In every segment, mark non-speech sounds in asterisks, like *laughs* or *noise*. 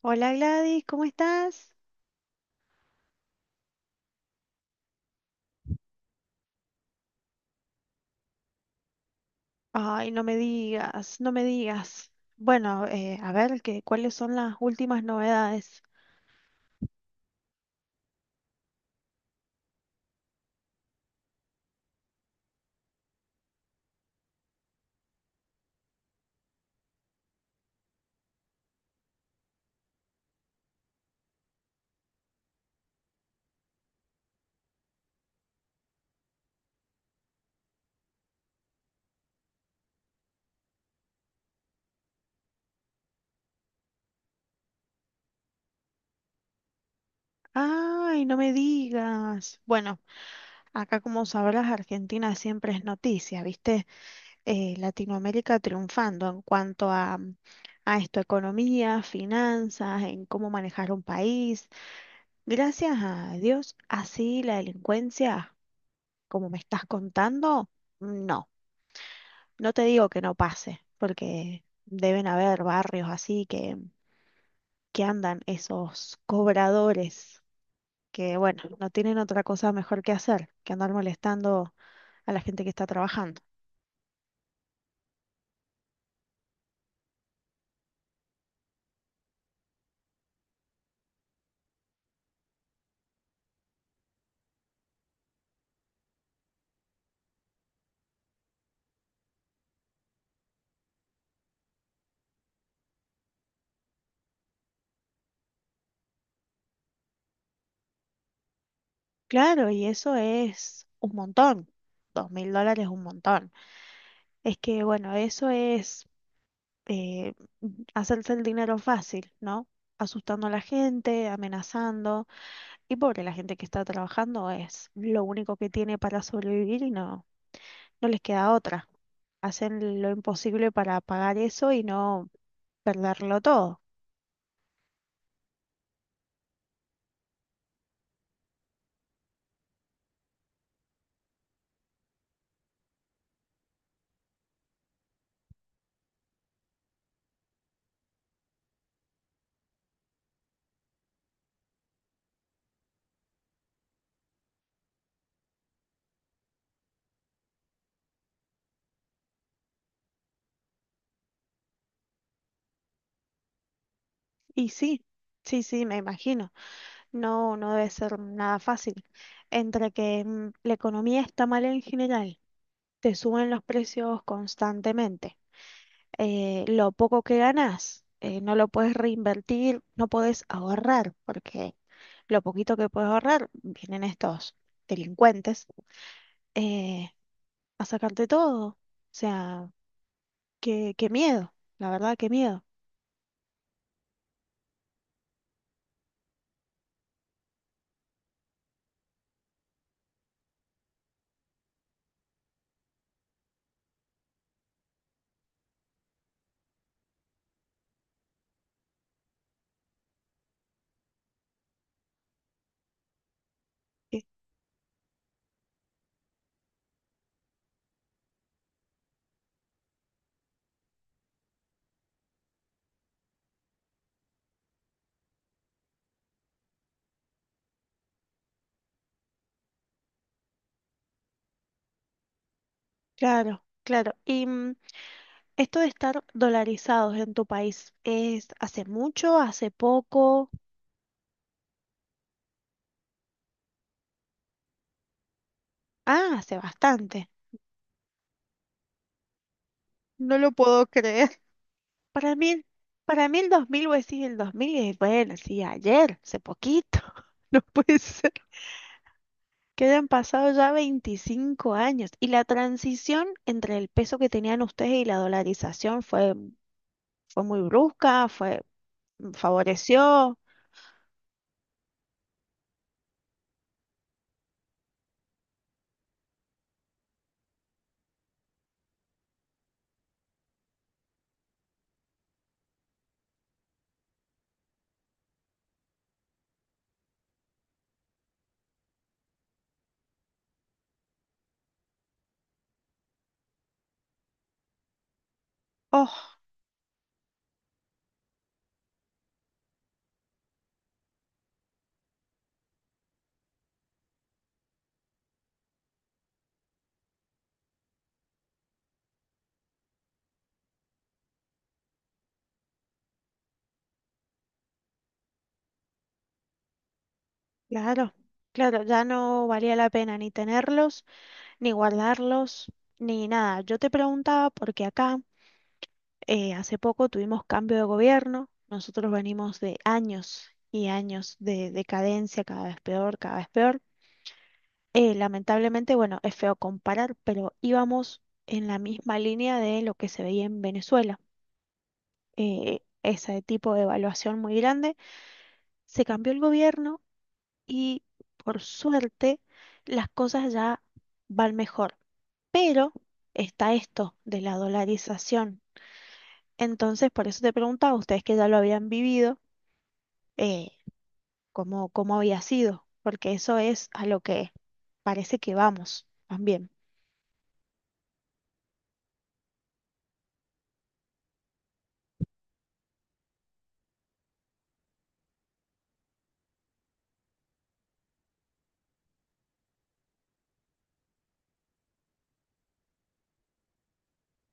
Hola Gladys, ¿cómo estás? Ay, no me digas, no me digas. Bueno, a ver, ¿cuáles son las últimas novedades? Ay, no me digas. Bueno, acá como sabrás, Argentina siempre es noticia, ¿viste? Latinoamérica triunfando en cuanto a esto, economía, finanzas, en cómo manejar un país. Gracias a Dios, así la delincuencia, como me estás contando, no. No te digo que no pase, porque deben haber barrios así que andan esos cobradores que, bueno, no tienen otra cosa mejor que hacer que andar molestando a la gente que está trabajando. Claro, y eso es un montón. $2000 es un montón. Es que, bueno, eso es eh, hacerse el dinero fácil, ¿no? Asustando a la gente, amenazando, y pobre, la gente que está trabajando es lo único que tiene para sobrevivir y no les queda otra. Hacen lo imposible para pagar eso y no perderlo todo. Y sí, sí, sí, me imagino. No, no debe ser nada fácil. Entre que la economía está mal en general, te suben los precios constantemente. Eh, lo poco que ganás, no lo puedes reinvertir, no podés ahorrar, porque lo poquito que puedes ahorrar, vienen estos delincuentes eh, a sacarte todo. O sea, qué, qué miedo, la verdad, qué miedo. Eh, Claro, claro. Y esto de estar dolarizados en tu país, ¿es hace mucho, hace poco? Ah, hace bastante. No lo puedo creer. *laughs* Para mí, para mí el 2000 vos decís el 2000, y bueno, sí, ayer, hace poquito. *laughs* No puede ser. Que hayan pasado ya 25 años. Y la transición entre el peso que tenían ustedes y la dolarización fue fue muy brusca, fue, favoreció. Oh, claro, claro, ya no valía la pena ni tenerlos, ni guardarlos, ni nada. Yo te preguntaba porque acá hace poco tuvimos cambio de gobierno. Nosotros venimos de años y años de decadencia, cada vez peor, cada vez peor. Lamentablemente, bueno, es feo comparar, pero íbamos en la misma línea de lo que se veía en Venezuela. Ese tipo de evaluación muy grande. Se cambió el gobierno y por suerte las cosas ya van mejor. Pero está esto de la dolarización. Entonces, por eso te preguntaba, ustedes que ya lo habían vivido, eh, ¿cómo, cómo había sido? Porque eso es a lo que parece que vamos también.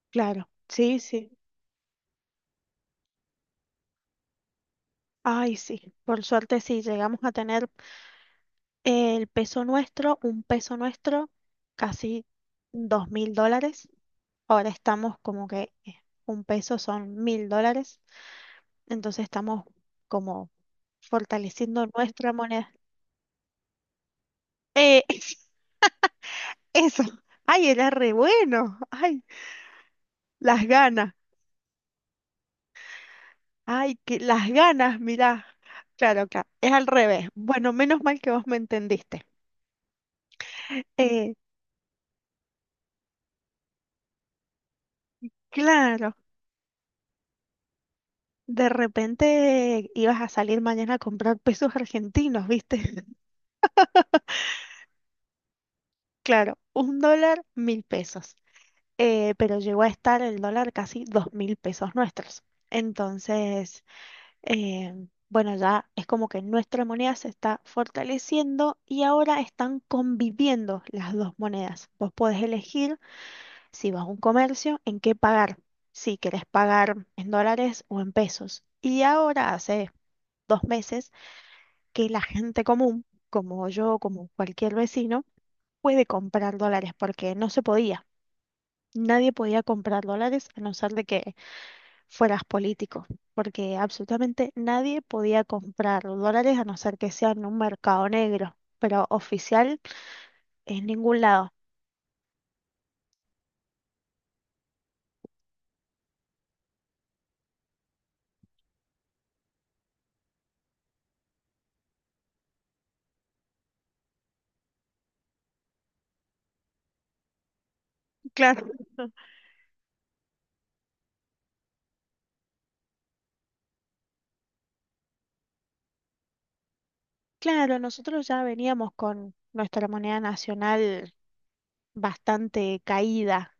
Claro, sí, sí. Ay, sí. Por suerte sí, llegamos a tener el peso nuestro, un peso nuestro, casi $2000. Ahora estamos como que un peso son $1000, entonces estamos como fortaleciendo nuestra moneda. Eh, *laughs* eso, ay, era re bueno, ay, las ganas, ay, que las ganas, mirá. Claro, claro, es al revés. Bueno, menos mal que vos me entendiste. Eh, claro, de repente ibas a salir mañana a comprar pesos argentinos, ¿viste? *laughs* Claro, un dólar, 1000 pesos. Pero llegó a estar el dólar casi 2000 pesos nuestros. Entonces, eh, bueno, ya es como que nuestra moneda se está fortaleciendo y ahora están conviviendo las dos monedas. Vos podés elegir si vas a un comercio, en qué pagar, si querés pagar en dólares o en pesos. Y ahora hace 2 meses que la gente común, como yo, como cualquier vecino, puede comprar dólares porque no se podía. Nadie podía comprar dólares a no ser de que fueras político, porque absolutamente nadie podía comprar dólares a no ser que sea en un mercado negro, pero oficial en ningún lado. Claro. Claro, nosotros ya veníamos con nuestra moneda nacional bastante caída,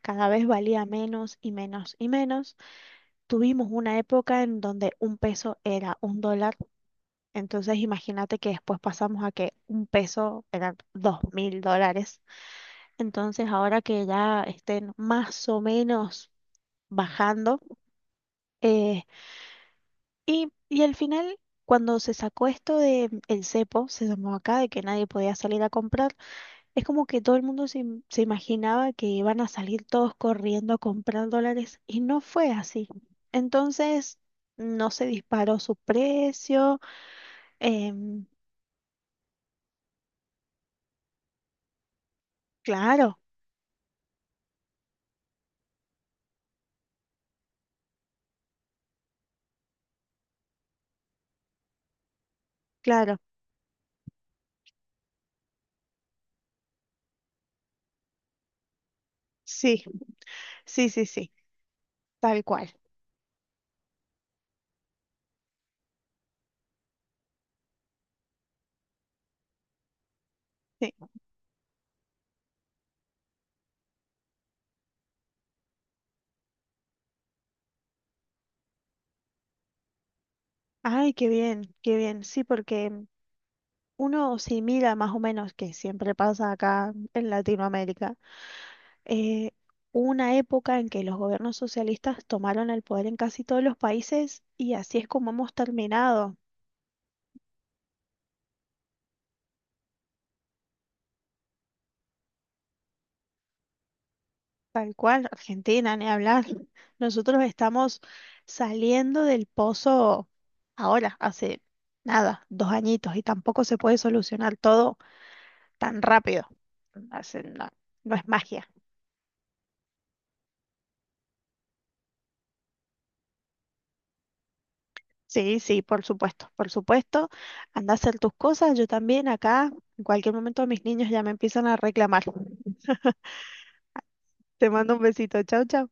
cada vez valía menos y menos y menos. Tuvimos una época en donde un peso era un dólar, entonces imagínate que después pasamos a que un peso eran $2000. Entonces, ahora que ya estén más o menos bajando, eh, y al final, cuando se sacó esto de el cepo, se llamó acá, de que nadie podía salir a comprar, es como que todo el mundo se, se imaginaba que iban a salir todos corriendo a comprar dólares, y no fue así. Entonces, no se disparó su precio. em, claro, claro, sí, sí, sí, sí, tal cual. Sí. Ay, qué bien, qué bien. Sí, porque uno simila más o menos, que siempre pasa acá en Latinoamérica, eh, una época en que los gobiernos socialistas tomaron el poder en casi todos los países y así es como hemos terminado, tal cual, Argentina, ni hablar. *laughs* Nosotros estamos saliendo del pozo ahora, hace nada, 2 añitos, y tampoco se puede solucionar todo tan rápido. No no es magia. Sí, sí, por supuesto, por supuesto. Anda a hacer tus cosas, yo también acá. En cualquier momento mis niños ya me empiezan a reclamar. *laughs* Te mando un besito. Chau, chau.